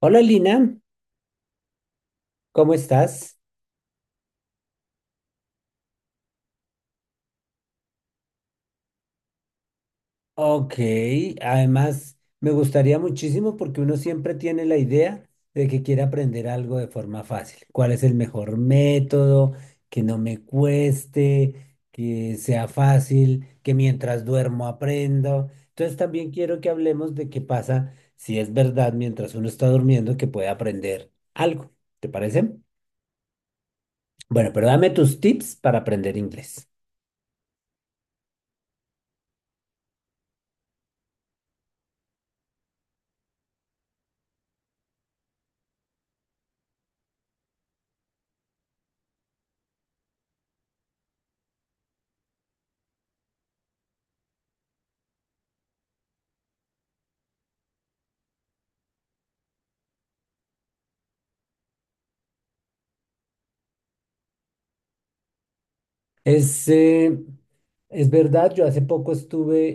Hola Lina, ¿cómo estás? Ok, además me gustaría muchísimo porque uno siempre tiene la idea de que quiere aprender algo de forma fácil. ¿Cuál es el mejor método? Que no me cueste, que sea fácil, que mientras duermo aprendo. Entonces también quiero que hablemos de qué pasa si es verdad mientras uno está durmiendo que puede aprender algo. ¿Te parece? Bueno, pero dame tus tips para aprender inglés. Es, eh, es verdad, yo hace poco estuve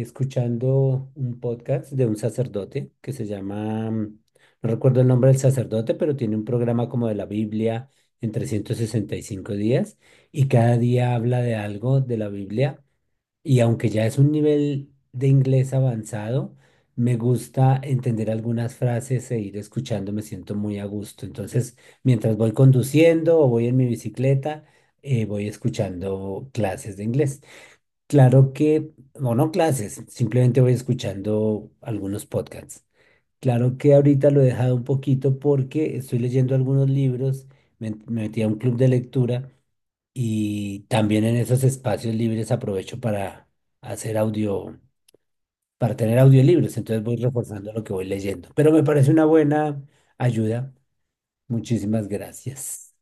escuchando un podcast de un sacerdote que se llama, no recuerdo el nombre del sacerdote, pero tiene un programa como de la Biblia en 365 días y cada día habla de algo de la Biblia. Y aunque ya es un nivel de inglés avanzado, me gusta entender algunas frases e ir escuchando, me siento muy a gusto. Entonces, mientras voy conduciendo o voy en mi bicicleta, voy escuchando clases de inglés. Claro que, o no clases, simplemente voy escuchando algunos podcasts. Claro que ahorita lo he dejado un poquito porque estoy leyendo algunos libros, me metí a un club de lectura. Y también en esos espacios libres aprovecho para hacer audio, para tener audiolibros. Entonces voy reforzando lo que voy leyendo. Pero me parece una buena ayuda. Muchísimas gracias.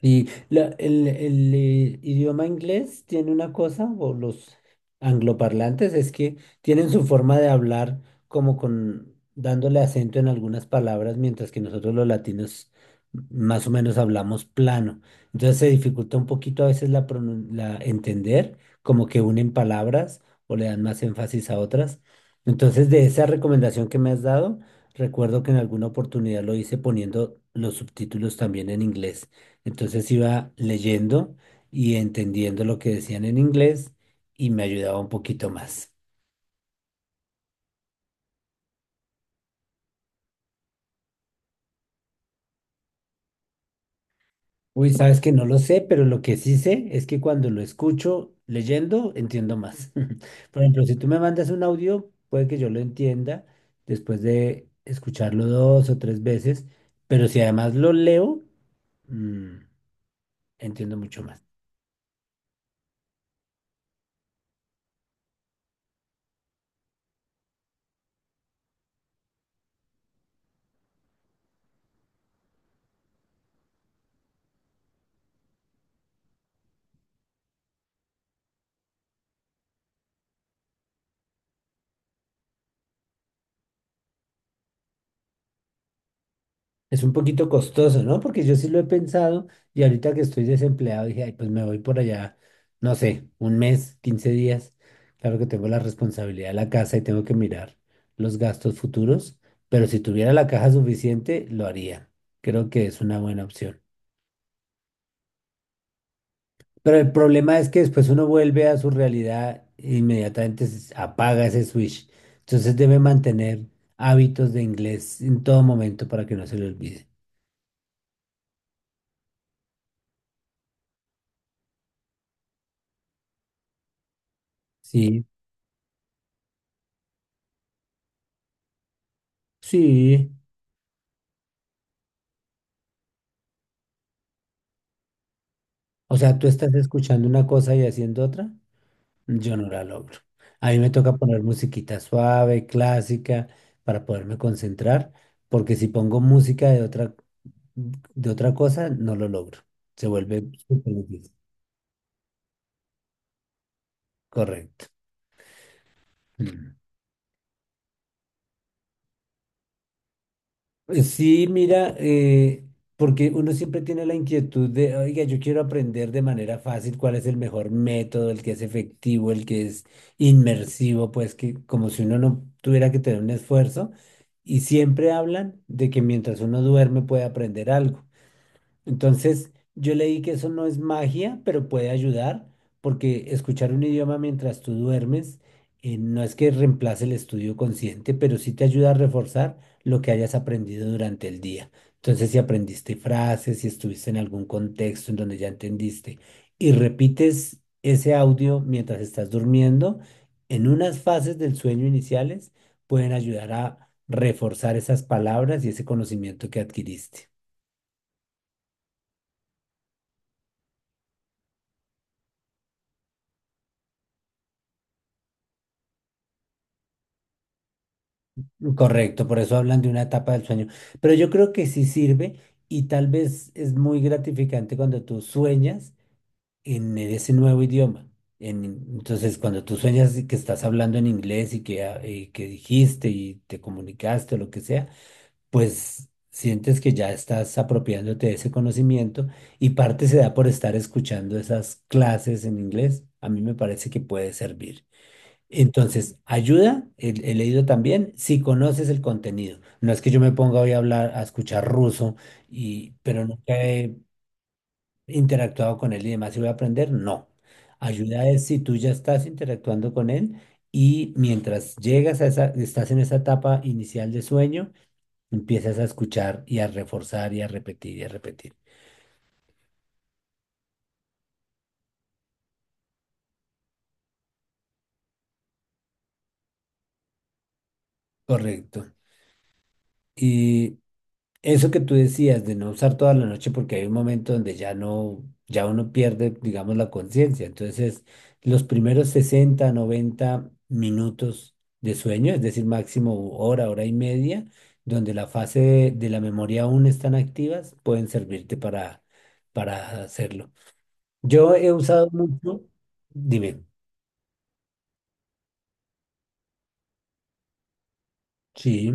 Sí, el idioma inglés tiene una cosa, o los angloparlantes, es que tienen su forma de hablar como con dándole acento en algunas palabras, mientras que nosotros los latinos más o menos hablamos plano. Entonces se dificulta un poquito a veces la entender, como que unen palabras o le dan más énfasis a otras. Entonces, de esa recomendación que me has dado, recuerdo que en alguna oportunidad lo hice poniendo los subtítulos también en inglés. Entonces iba leyendo y entendiendo lo que decían en inglés y me ayudaba un poquito más. Uy, sabes que no lo sé, pero lo que sí sé es que cuando lo escucho leyendo, entiendo más. Por ejemplo, si tú me mandas un audio, puede que yo lo entienda después de escucharlo dos o tres veces, pero si además lo leo, mm, entiendo mucho más. Es un poquito costoso, ¿no? Porque yo sí lo he pensado y ahorita que estoy desempleado dije, ay, pues me voy por allá, no sé, un mes, 15 días. Claro que tengo la responsabilidad de la casa y tengo que mirar los gastos futuros, pero si tuviera la caja suficiente, lo haría. Creo que es una buena opción. Pero el problema es que después uno vuelve a su realidad e inmediatamente se apaga ese switch. Entonces debe mantener hábitos de inglés en todo momento para que no se le olvide. Sí, sí. O sea, tú estás escuchando una cosa y haciendo otra. Yo no la logro. A mí me toca poner musiquita suave, clásica, para poderme concentrar, porque si pongo música de otra cosa, no lo logro. Se vuelve súper difícil. Correcto. Mm. Sí, mira, porque uno siempre tiene la inquietud de, oiga, yo quiero aprender de manera fácil cuál es el mejor método, el que es efectivo, el que es inmersivo, pues que como si uno no tuviera que tener un esfuerzo. Y siempre hablan de que mientras uno duerme puede aprender algo. Entonces, yo leí que eso no es magia, pero puede ayudar, porque escuchar un idioma mientras tú duermes no es que reemplace el estudio consciente, pero sí te ayuda a reforzar lo que hayas aprendido durante el día. Entonces, si aprendiste frases, si estuviste en algún contexto en donde ya entendiste y repites ese audio mientras estás durmiendo, en unas fases del sueño iniciales pueden ayudar a reforzar esas palabras y ese conocimiento que adquiriste. Correcto, por eso hablan de una etapa del sueño. Pero yo creo que sí sirve y tal vez es muy gratificante cuando tú sueñas en ese nuevo idioma. En- entonces, cuando tú sueñas y que estás hablando en inglés y que, ah, y que dijiste y te comunicaste o lo que sea, pues sientes que ya estás apropiándote de ese conocimiento y parte se da por estar escuchando esas clases en inglés. A mí me parece que puede servir. Entonces, ayuda, he leído también, si conoces el contenido. No es que yo me ponga hoy a hablar, a escuchar ruso, pero nunca he interactuado con él y demás y voy a aprender, no. Ayuda es si tú ya estás interactuando con él y mientras llegas a estás en esa etapa inicial de sueño, empiezas a escuchar y a reforzar y a repetir y a repetir. Correcto, y eso que tú decías de no usar toda la noche porque hay un momento donde ya no, ya uno pierde, digamos, la conciencia. Entonces, los primeros 60-90 minutos de sueño, es decir, máximo hora, hora y media, donde la fase de la memoria aún están activas, pueden servirte para hacerlo. Yo he usado mucho, dime, sí,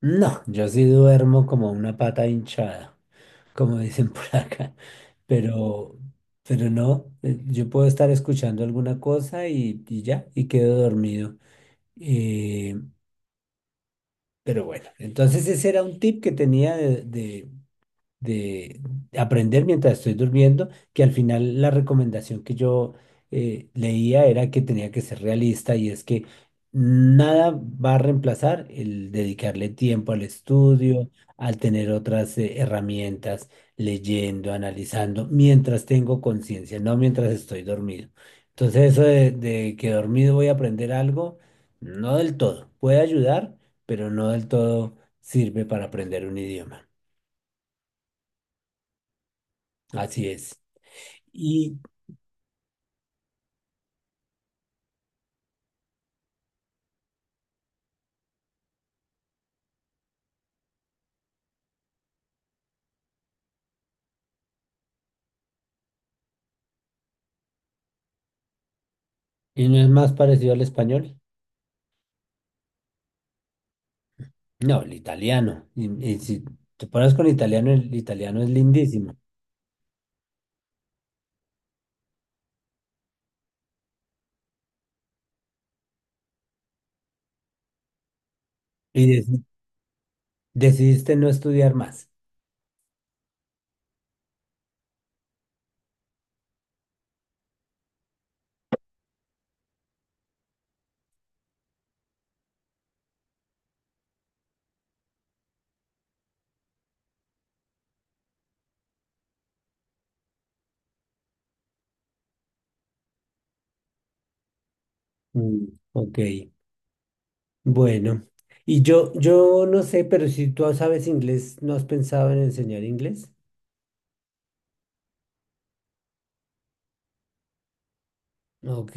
no, yo sí duermo como una pata hinchada, como dicen por acá, pero, pero no, yo puedo estar escuchando alguna cosa y ya, y quedo dormido. Eh, pero bueno, entonces ese era un tip que tenía de aprender mientras estoy durmiendo, que al final la recomendación que yo leía era que tenía que ser realista y es que nada va a reemplazar el dedicarle tiempo al estudio, al tener otras herramientas, leyendo, analizando, mientras tengo conciencia, no mientras estoy dormido. Entonces eso de que dormido voy a aprender algo, no del todo, puede ayudar, pero no del todo sirve para aprender un idioma. Así es. Y, y no es más parecido al español. No, el italiano. Y si te pones con italiano, el italiano es lindísimo. Y deci- Decidiste no estudiar más. Mm, ok, bueno. Y yo no sé, pero si tú sabes inglés, ¿no has pensado en enseñar inglés? Ok,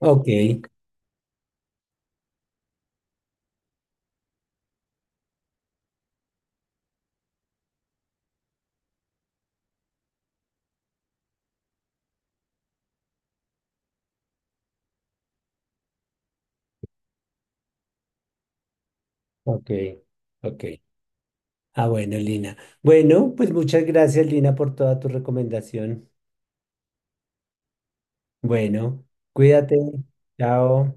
ok, ok, ok. Ah, bueno, Lina. Bueno, pues muchas gracias, Lina, por toda tu recomendación. Bueno, cuídate. Chao.